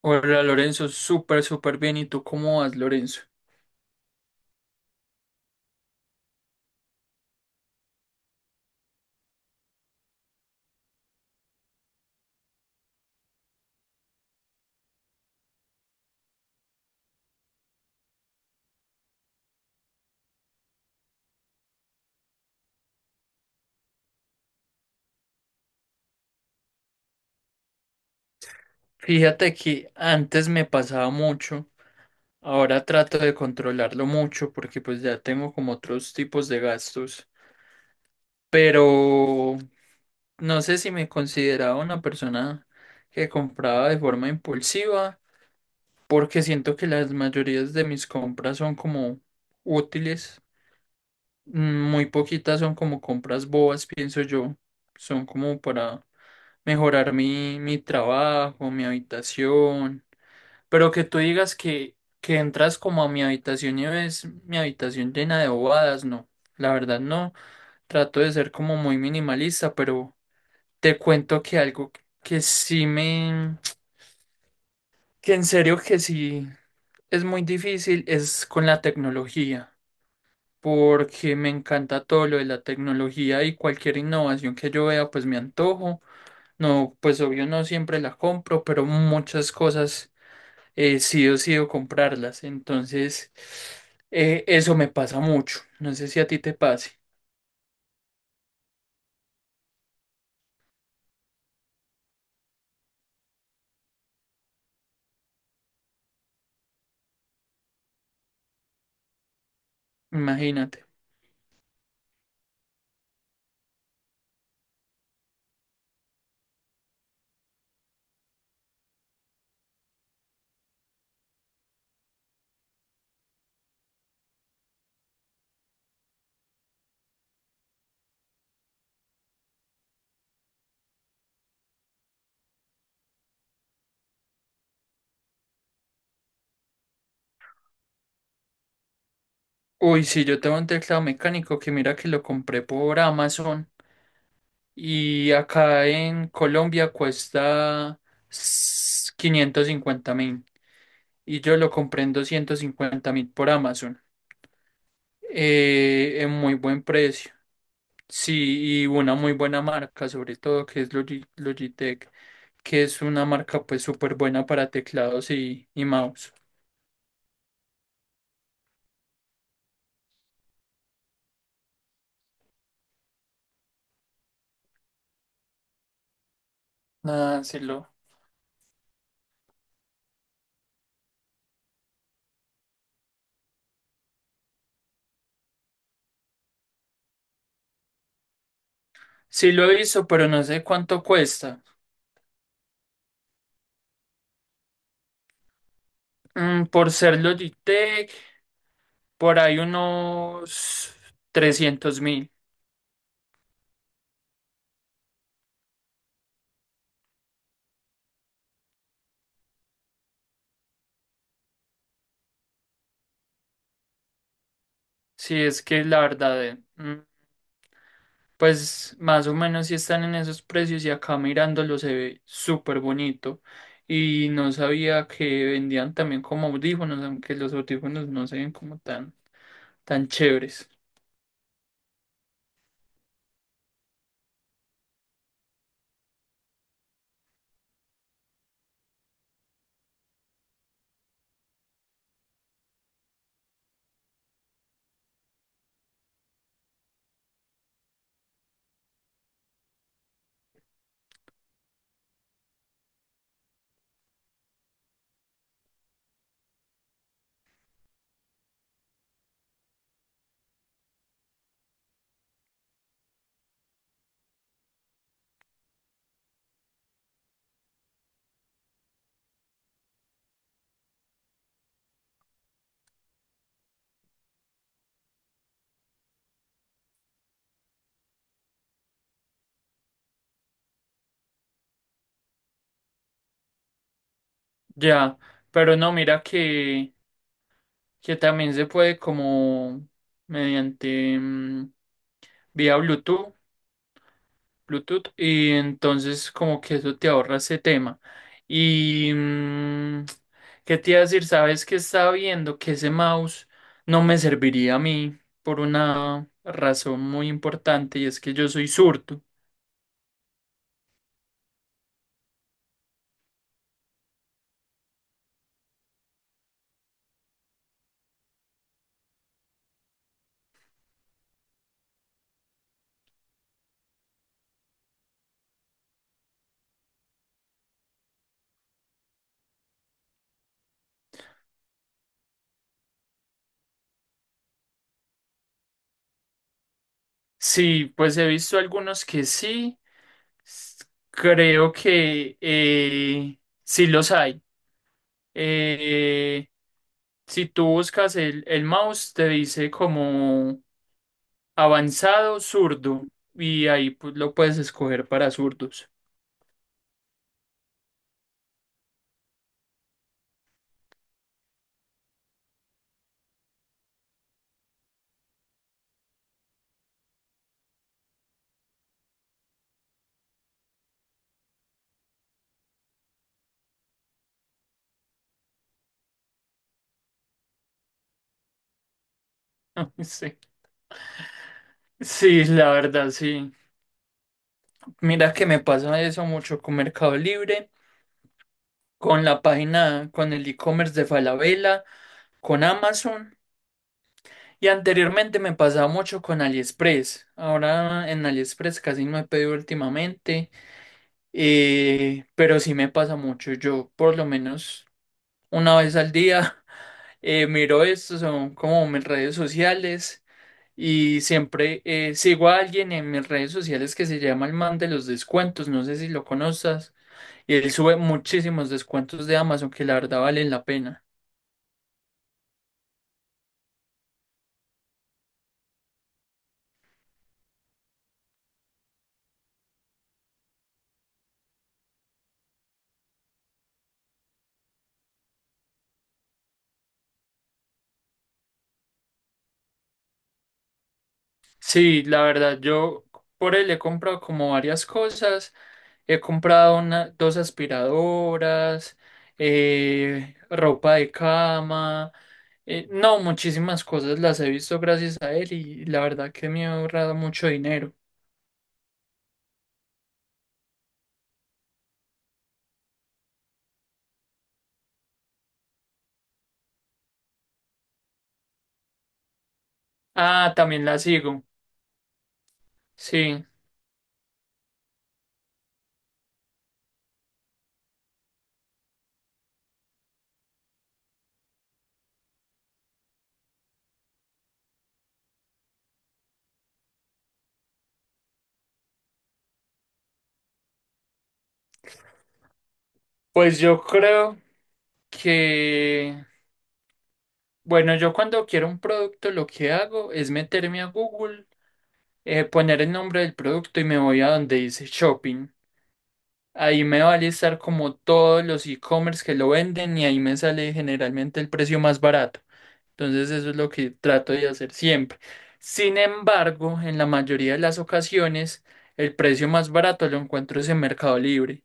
Hola Lorenzo, súper bien. ¿Y tú cómo vas, Lorenzo? Fíjate que antes me pasaba mucho, ahora trato de controlarlo mucho porque pues ya tengo como otros tipos de gastos, pero no sé si me consideraba una persona que compraba de forma impulsiva porque siento que las mayorías de mis compras son como útiles. Muy poquitas son como compras bobas, pienso yo. Son como para mejorar mi trabajo, mi habitación. Pero que tú digas que entras como a mi habitación y ves mi habitación llena de bobadas, no. La verdad no. Trato de ser como muy minimalista, pero te cuento que algo que sí me... que en serio que sí es muy difícil es con la tecnología. Porque me encanta todo lo de la tecnología y cualquier innovación que yo vea, pues me antojo. No, pues obvio no siempre la compro, pero muchas cosas sí o sí o comprarlas. Entonces, eso me pasa mucho. No sé si a ti te pase. Imagínate. Uy, sí, yo tengo un teclado mecánico que mira que lo compré por Amazon y acá en Colombia cuesta 550.000 y yo lo compré en 250.000 por Amazon. En muy buen precio. Sí, y una muy buena marca, sobre todo que es Logitech, que es una marca pues súper buena para teclados y mouse. Ah, sí lo, sí lo he visto, pero no sé cuánto cuesta. Por ser Logitech, por ahí unos 300.000. Si es que la verdad, pues más o menos si están en esos precios y acá mirándolo se ve súper bonito. Y no sabía que vendían también como audífonos, aunque los audífonos no se ven como tan chéveres. Ya, pero no, mira que también se puede como mediante vía Bluetooth y entonces como que eso te ahorra ese tema. Y mm, Qué te iba a decir, sabes que estaba viendo que ese mouse no me serviría a mí por una razón muy importante y es que yo soy zurdo. Sí, pues he visto algunos que sí, s- creo que sí los hay. Eh, si tú buscas el mouse, te dice como avanzado, zurdo. Y ahí pues, lo puedes escoger para zurdos. Sí. Sí, la verdad, sí. Mira que me pasa eso mucho con Mercado Libre, con la página, con el e-commerce de Falabella, con Amazon. Y anteriormente me pasaba mucho con AliExpress. Ahora en AliExpress casi no he pedido últimamente. Pero sí me pasa mucho. Yo por lo menos una vez al día. Miro esto, son como mis redes sociales y siempre sigo a alguien en mis redes sociales que se llama el man de los descuentos, no sé si lo conozcas, y él sube muchísimos descuentos de Amazon que la verdad valen la pena. Sí, la verdad, yo por él he comprado como varias cosas. He comprado una, dos aspiradoras, ropa de cama. No, muchísimas cosas las he visto gracias a él y la verdad que me ha ahorrado mucho dinero. Ah, también la sigo. Sí. Pues yo creo que, bueno, yo cuando quiero un producto lo que hago es meterme a Google, poner el nombre del producto y me voy a donde dice shopping. Ahí me va a listar como todos los e-commerce que lo venden y ahí me sale generalmente el precio más barato. Entonces eso es lo que trato de hacer siempre. Sin embargo, en la mayoría de las ocasiones, el precio más barato lo encuentro es en Mercado Libre.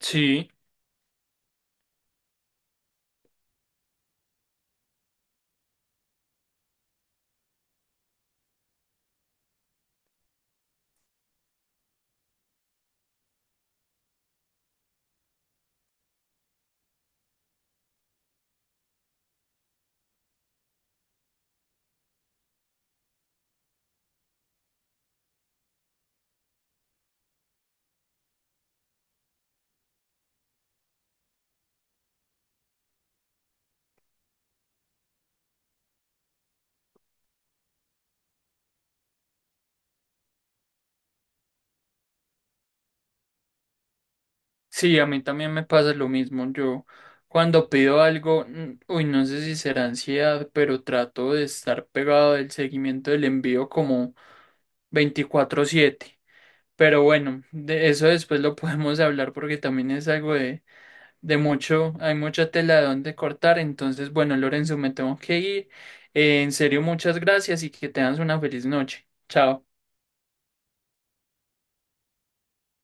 Sí, sí, a mí también me pasa lo mismo. Yo cuando pido algo, no sé si será ansiedad, pero trato de estar pegado del seguimiento del envío como 24/7. Pero bueno, de eso después lo podemos hablar porque también es algo de mucho, hay mucha tela de donde cortar. Entonces, bueno, Lorenzo, me tengo que ir. En serio, muchas gracias y que tengas una feliz noche. Chao.